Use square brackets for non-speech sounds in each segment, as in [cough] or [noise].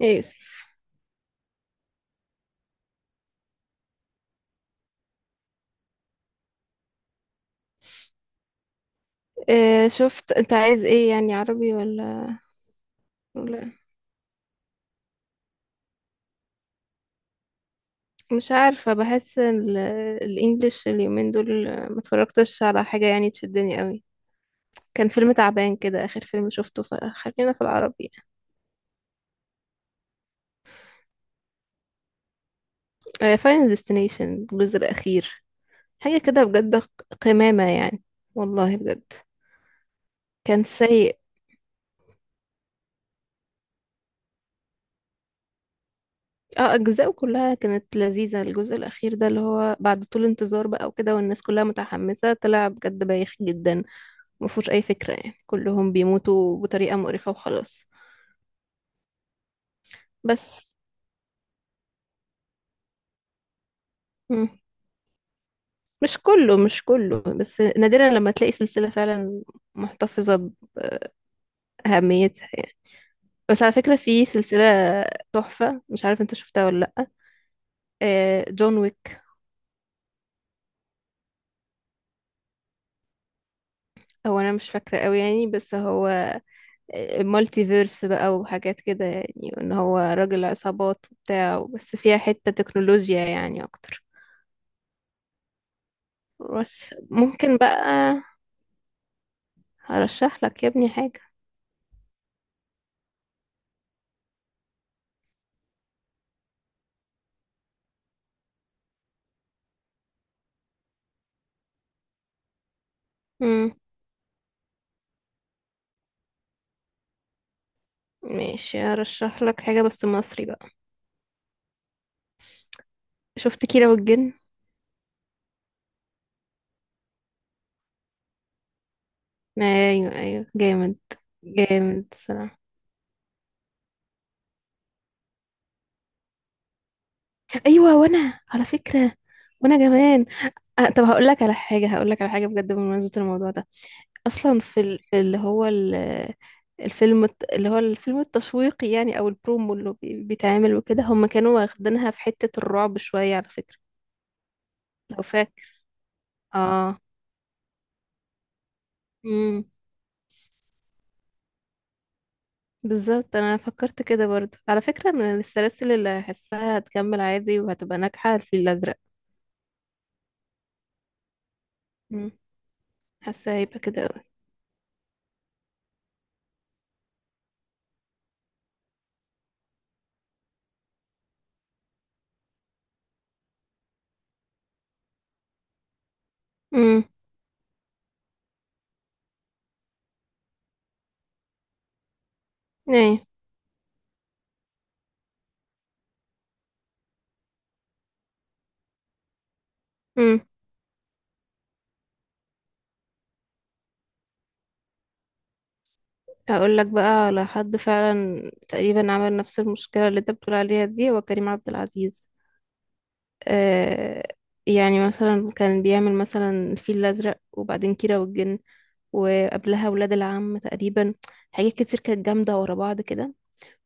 ايه يا يوسف؟ إيه شفت، انت عايز ايه يعني، عربي ولا؟ مش عارفة، بحس الانجليش اليومين دول ما اتفرجتش على حاجة يعني تشدني قوي. كان فيلم تعبان كده اخر فيلم شفته، فخلينا في العربي. فاينل ديستنيشن الجزء الاخير، حاجة كده بجد، قمامة يعني، والله بجد، كان سيء. اه اجزاءه كلها كانت لذيذة، الجزء الاخير ده اللي هو بعد طول انتظار بقى وكده والناس كلها متحمسة طلع بجد بايخ جدا، مفهوش أي فكرة يعني، كلهم بيموتوا بطريقة مقرفة وخلاص. بس. مم. مش كله، بس نادرا لما تلاقي سلسلة فعلا محتفظة بأهميتها يعني. بس على فكرة في سلسلة تحفة، مش عارف انت شفتها ولا لأ. آه، جون ويك. هو أنا مش فاكرة قوي يعني، بس هو مالتي فيرس بقى وحاجات كده يعني، وإن هو راجل عصابات وبتاع بس فيها حتة تكنولوجيا يعني أكتر. بس ممكن بقى هرشح لك يا ابني حاجة. امم، ماشي ارشح لك حاجة بس مصري بقى. شفت كيرة والجن؟ ايوه ايوه، جامد، جامد الصراحة. ايوه وانا على فكرة، وانا كمان. آه طب هقول لك على حاجة، هقول لك على حاجة بجد بمناسبة الموضوع ده. اصلا في اللي هو ال... الفيلم التشويقي يعني او البرومو اللي بيتعمل وكده، هم كانوا واخدينها في حتة الرعب شوية على فكرة. لو فاكر. اه. امم بالظبط، انا فكرت كده برضو على فكرة، من السلاسل اللي هحسها هتكمل عادي وهتبقى ناجحة الفيل الازرق. مم. حاسة هيبقى كده اوي. امم، ايه. امم هقول لك بقى على حد فعلا تقريبا عمل نفس المشكلة اللي انت بتقول عليها دي، هو كريم عبد العزيز. آه، يعني مثلا كان بيعمل مثلا الفيل الازرق، وبعدين كيرة والجن، وقبلها ولاد العم تقريبا، حاجات كتير كانت جامدة ورا بعض كده.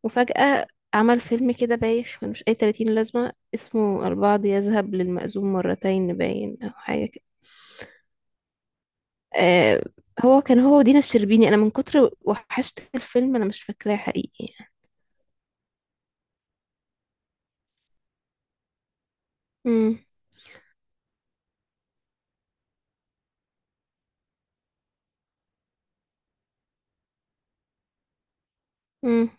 وفجأة عمل فيلم كده بايخ ملوش أي تلاتين لازمة اسمه البعض يذهب للمأذون مرتين، باين أو حاجة كده. آه، هو كان هو ودينا الشربيني، أنا من كتر وحشت الفيلم أنا مش فاكراه حقيقي يعني. مم. مم.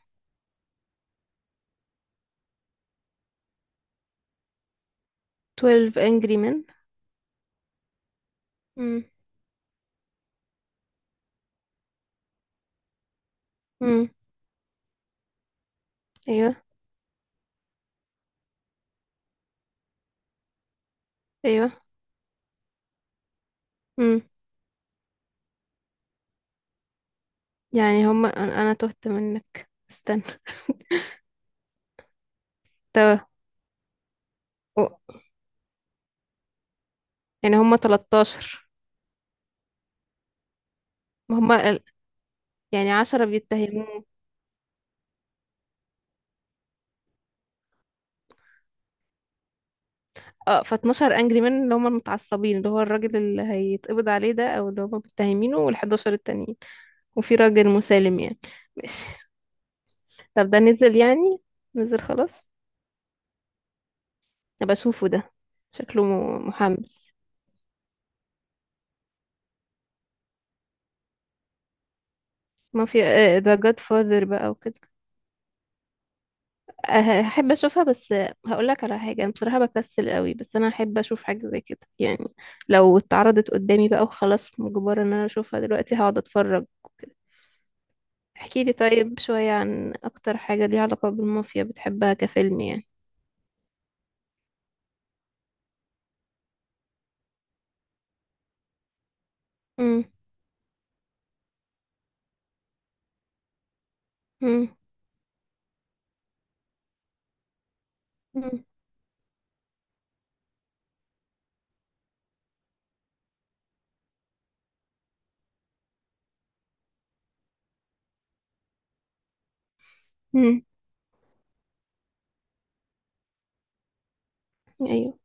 12 Angry Men. مم. مم. أيوه أيوه. مم. يعني هما، أنا تهت منك، استنى. طب- أو- يعني هما 13؟ ما هما ال- يعني عشرة بيتهموه. اه، ف 12 انجري مان، اللي هم المتعصبين، اللي هو الراجل اللي هيتقبض عليه ده او اللي هم متهمينه، وال11 التانيين، وفي راجل مسالم يعني. ماشي. طب ده نزل يعني؟ نزل خلاص، ابقى اشوفه ده، شكله محمس. ما في ذا جاد فاذر بقى وكده. آه، هحب اشوفها، بس هقول لك على حاجه انا بصراحه بكسل قوي، بس انا هحب اشوف حاجه زي كده يعني. لو اتعرضت قدامي بقى وخلاص مجبره ان انا اشوفها دلوقتي هقعد اتفرج. احكي لي طيب شوية عن أكتر حاجة ليها علاقة بالمافيا بتحبها كفيلم يعني. مم. مم. مم. مم. أيوه.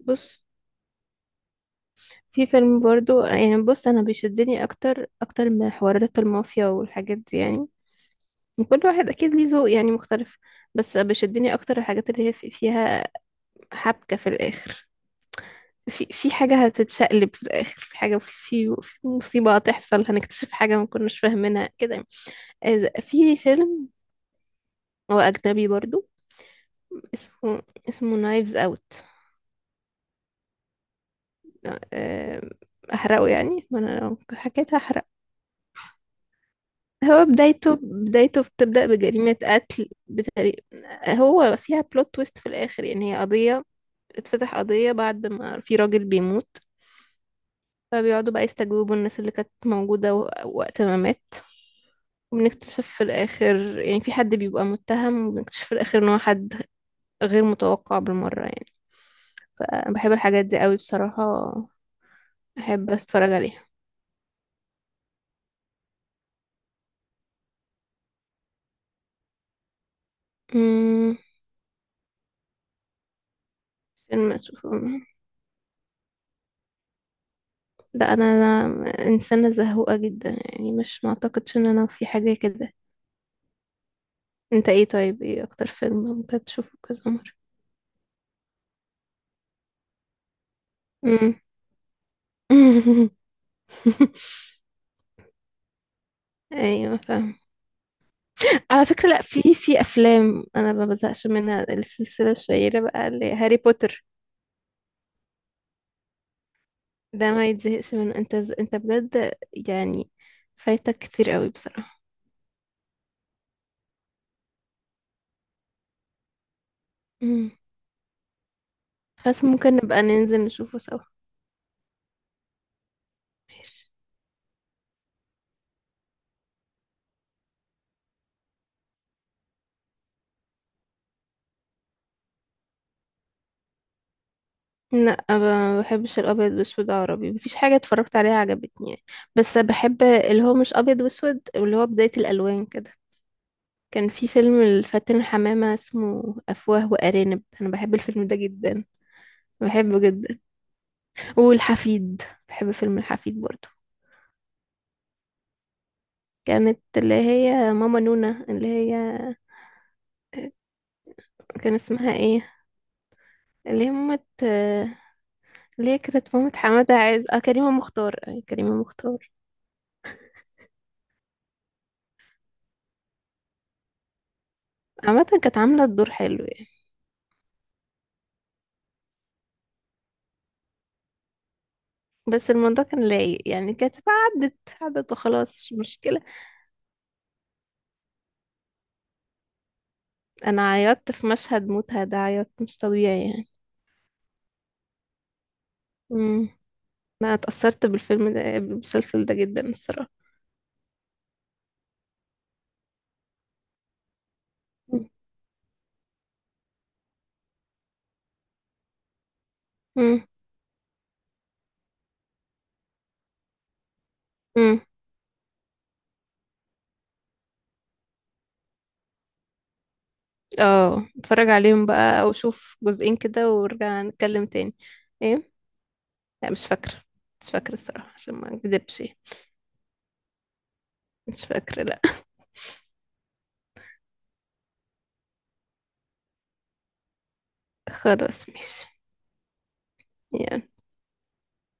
بص، في فيلم برضو يعني، بص أنا بيشدني أكتر، أكتر من حوارات المافيا والحاجات دي يعني. كل واحد أكيد ليه ذوق يعني مختلف، بس بيشدني أكتر الحاجات اللي هي فيها حبكة في الآخر. في حاجة هتتشقلب في الآخر، في حاجة، في مصيبة هتحصل، هنكتشف حاجة ما كناش فاهمينها كده يعني. في فيلم هو أجنبي برضو، اسمه اسمه نايفز اوت. احرقه يعني، ما انا لو حكيت هحرق. هو بدايته بتبدأ بجريمة قتل بتاريخ، هو فيها بلوت تويست في الآخر. يعني هي قضية، اتفتح قضية بعد ما في راجل بيموت، فبيقعدوا بقى يستجوبوا الناس اللي كانت موجودة وقت ما مات. وبنكتشف في الآخر يعني في حد بيبقى متهم، وبنكتشف في الآخر إن هو حد غير متوقع بالمرة يعني. فأنا بحب الحاجات دي قوي بصراحة، أحب أتفرج عليها. أمم، فيلم أشوفه؟ لا، أنا إنسانة زهوقة جدا يعني، مش معتقدش إن أنا في حاجة كده. أنت إيه طيب، إيه أكتر فيلم ممكن تشوفه كذا مرة؟ مم. [laughs] أيوة فاهم. على فكرة لأ، في أفلام أنا ما بزهقش منها، السلسلة الشهيرة بقى اللي هاري بوتر. ده ما يتزهقش منه، أنت بجد يعني فايتك كتير قوي بصراحة. مم. بس ممكن نبقى ننزل نشوفه سوا. ماشي. لا ما بحبش الابيض واسود عربي، مفيش حاجه اتفرجت عليها عجبتني يعني. بس بحب اللي هو مش ابيض واسود، اللي هو بدايه الالوان كده. كان في فيلم الفاتن حمامه اسمه افواه وارانب، انا بحب الفيلم ده جدا، بحبه جدا، والحفيد، بحب فيلم الحفيد برضو. كانت اللي هي ماما نونا، اللي هي كان اسمها ايه، اللي هي مامة، اللي هي كانت مامة حمادة عايز، اه كريمة مختار، آه، كريمة مختار. عامة كانت عاملة الدور حلو يعني. بس الموضوع كان لايق يعني، كانت عدت، عدت وخلاص مش مشكلة. انا عيطت في مشهد موتها ده عيط مش طبيعي يعني. امم انا اتأثرت بالفيلم ده، بالمسلسل ده جدا الصراحة. امم، امم، اه اتفرج عليهم بقى او شوف جزئين كده ونرجع نتكلم تاني. ايه، لا مش فاكرة، مش فاكرة الصراحة عشان ما اكذبش، مش فاكرة لا. [laughs] خلاص ماشي، يلا.